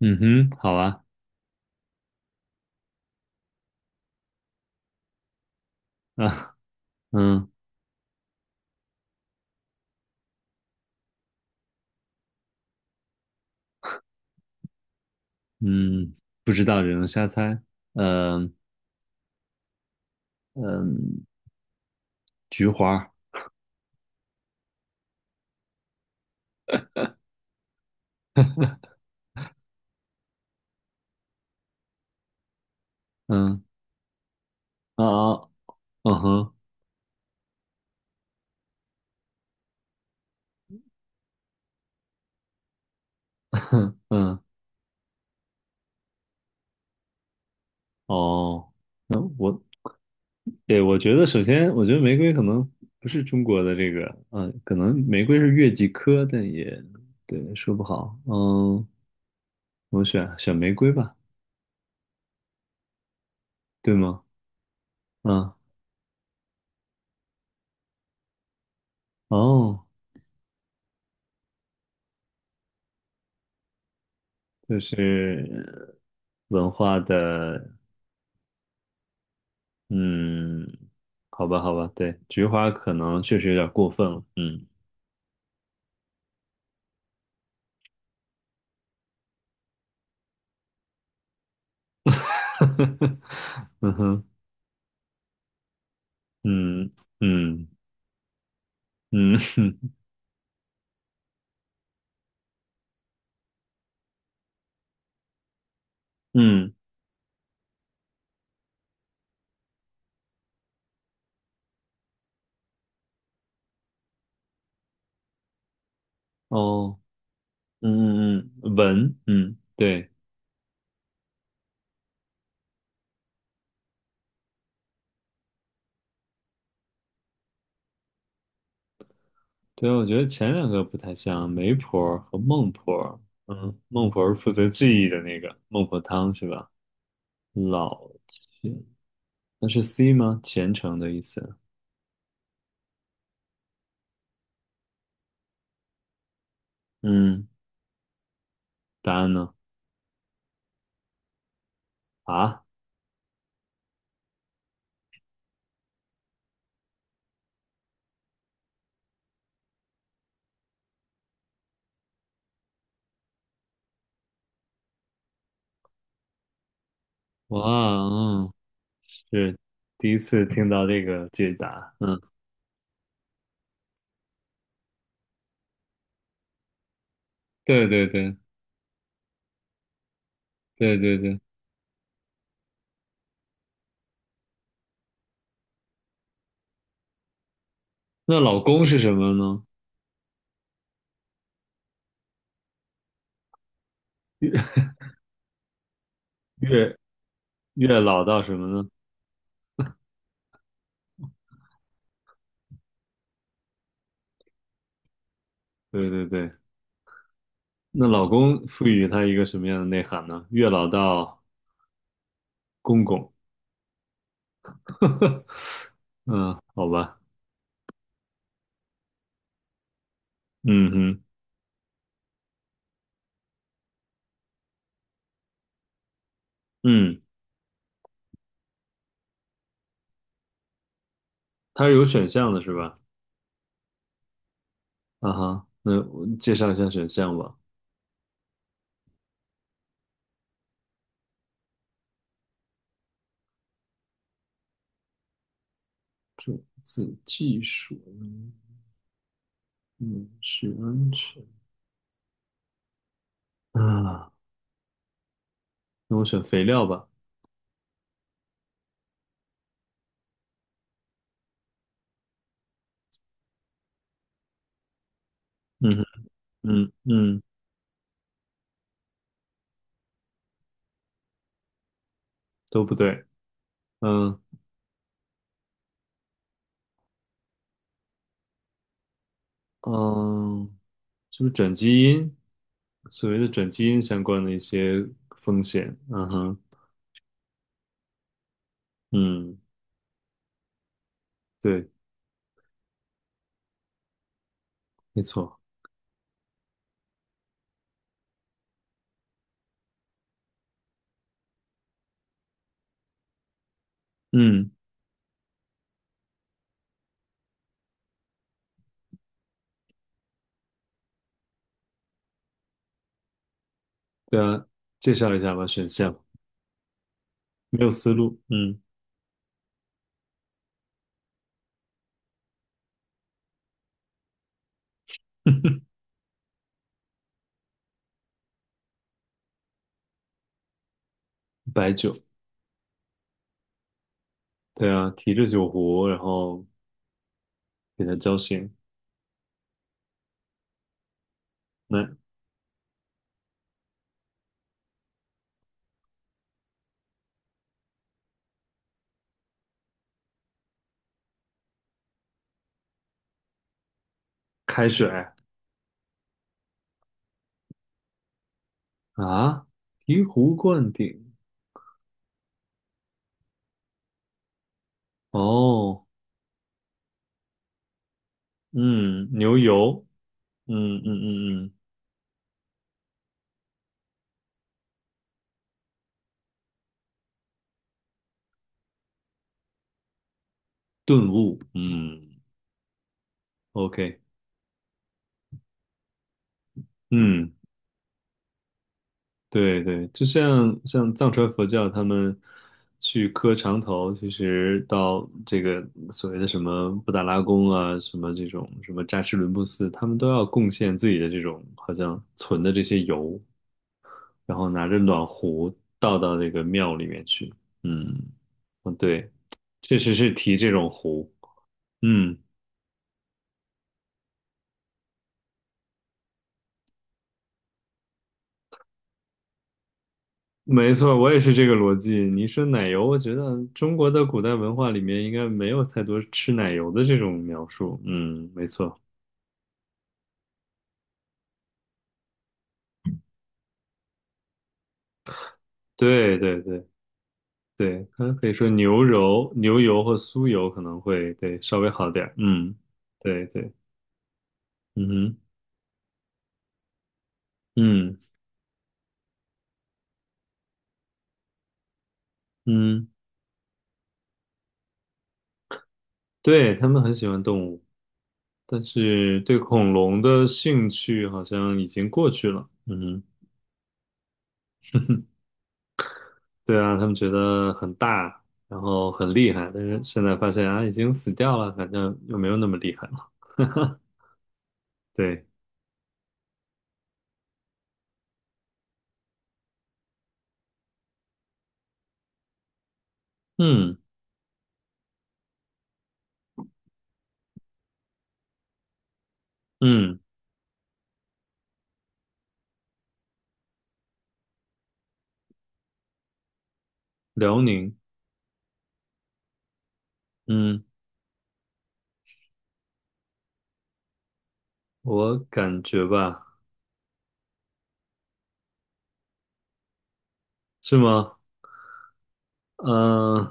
嗯哼，好啊，啊，嗯嗯，不知道，只能瞎猜。嗯嗯，菊花儿嗯啊啊，嗯哼，嗯哦，那我对，我觉得首先，我觉得玫瑰可能不是中国的这个，可能玫瑰是月季科，但也对，说不好。嗯，我选玫瑰吧，对吗？嗯，哦，就是文化的嗯，好吧，好吧，对，菊花可能确实有点过分了。嗯，嗯哼，嗯嗯嗯 嗯，哦，嗯嗯嗯，文，嗯，对对，我觉得前两个不太像，媒婆和孟婆。嗯，孟婆是负责记忆的那个孟婆汤是吧？老钱，那是 C 吗？虔诚的意思。嗯，答案呢？啊，哇，嗯，是第一次听到这个解答。嗯。对对对对对对，那老公是什么呢？月月老到什么呢？对对对，那老公赋予他一个什么样的内涵呢？月老到公公，嗯，好吧，嗯哼，嗯，它是有选项的是吧？啊哈，那我介绍一下选项吧。种子技术，嗯，是安全啊，那我选肥料吧。嗯哼嗯嗯，都不对，嗯嗯。是不是转基因？所谓的转基因相关的一些风险，嗯哼，嗯，对，没错，嗯，对啊，介绍一下吧，选项没有思路，嗯，白酒，对啊，提着酒壶，然后给它浇醒，那开水啊，醍醐灌顶，哦，嗯，牛油，嗯嗯嗯嗯，顿悟，嗯，OK，嗯。对对，就像藏传佛教，他们去磕长头，其实到这个所谓的什么布达拉宫啊，什么这种什么扎什伦布寺，他们都要贡献自己的这种好像存的这些油，然后拿着暖壶倒到那个庙里面去。嗯，嗯，对，确实是提这种壶。嗯。没错，我也是这个逻辑。你一说奶油，我觉得中国的古代文化里面应该没有太多吃奶油的这种描述。嗯，没错，对对对对，它可以说牛油、牛油或酥油可能会对稍微好点儿嗯，对对，嗯哼，嗯嗯，对，他们很喜欢动物，但是对恐龙的兴趣好像已经过去了。嗯哼。对啊，他们觉得很大，然后很厉害，但是现在发现啊，已经死掉了，反正又没有那么厉害了。对，嗯嗯，辽宁，嗯，我感觉吧，是吗？嗯、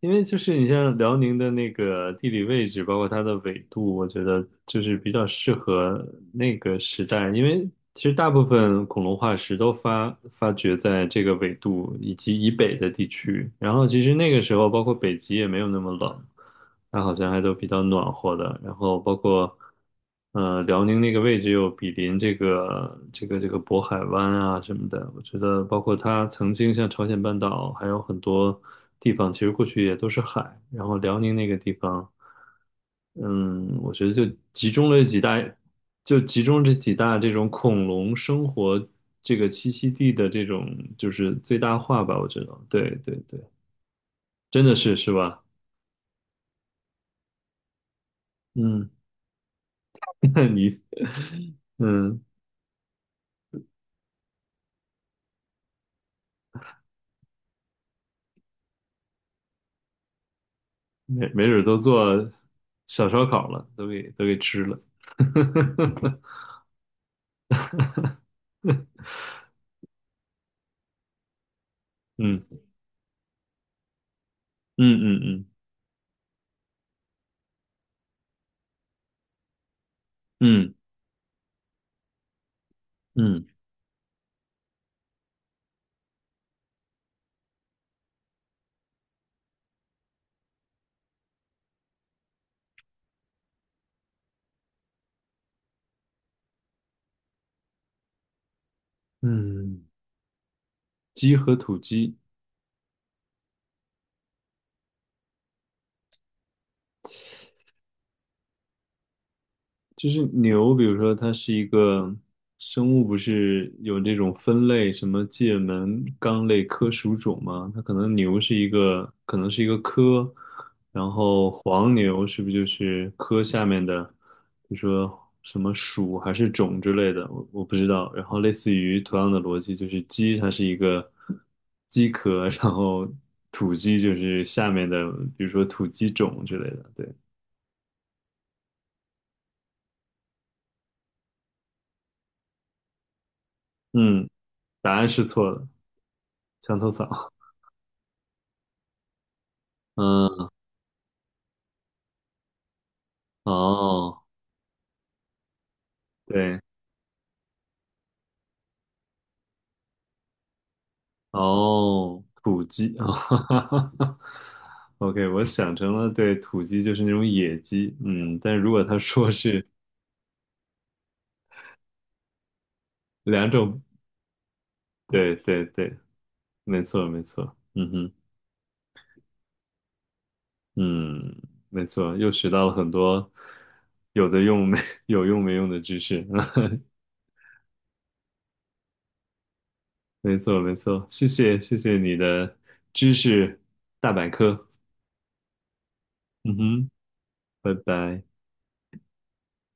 因为就是你像辽宁的那个地理位置，包括它的纬度，我觉得就是比较适合那个时代。因为其实大部分恐龙化石都发掘在这个纬度以及以北的地区，然后其实那个时候包括北极也没有那么冷，它好像还都比较暖和的。然后包括，辽宁那个位置又比邻这个渤海湾啊什么的。我觉得，包括它曾经像朝鲜半岛，还有很多地方，其实过去也都是海。然后辽宁那个地方，嗯，我觉得就集中了几大，就集中这几大这种恐龙生活这个栖息地的这种就是最大化吧。我觉得，对对对，真的是是吧？嗯，那你。嗯，没准儿都做小烧烤了，都给吃了。嗯嗯嗯嗯嗯嗯嗯，鸡和土鸡，就是牛，比如说它是一个生物，不是有这种分类，什么界门纲类科属种吗？它可能牛是一个，可能是一个科，然后黄牛是不是就是科下面的，比如说什么属还是种之类的，我不知道。然后类似于同样的逻辑，就是鸡它是一个鸡科，然后土鸡就是下面的，比如说土鸡种之类的。对，嗯，答案是错的，墙头草。嗯，哦，对，哦，土鸡啊，哈哈哈 OK，我想成了对土鸡就是那种野鸡，嗯，但如果他说是两种，对对对，没错没错，嗯哼，嗯，没错，又学到了很多有的用没 有用没用的知识，没错没错，谢谢你的知识，嗯哼，拜拜。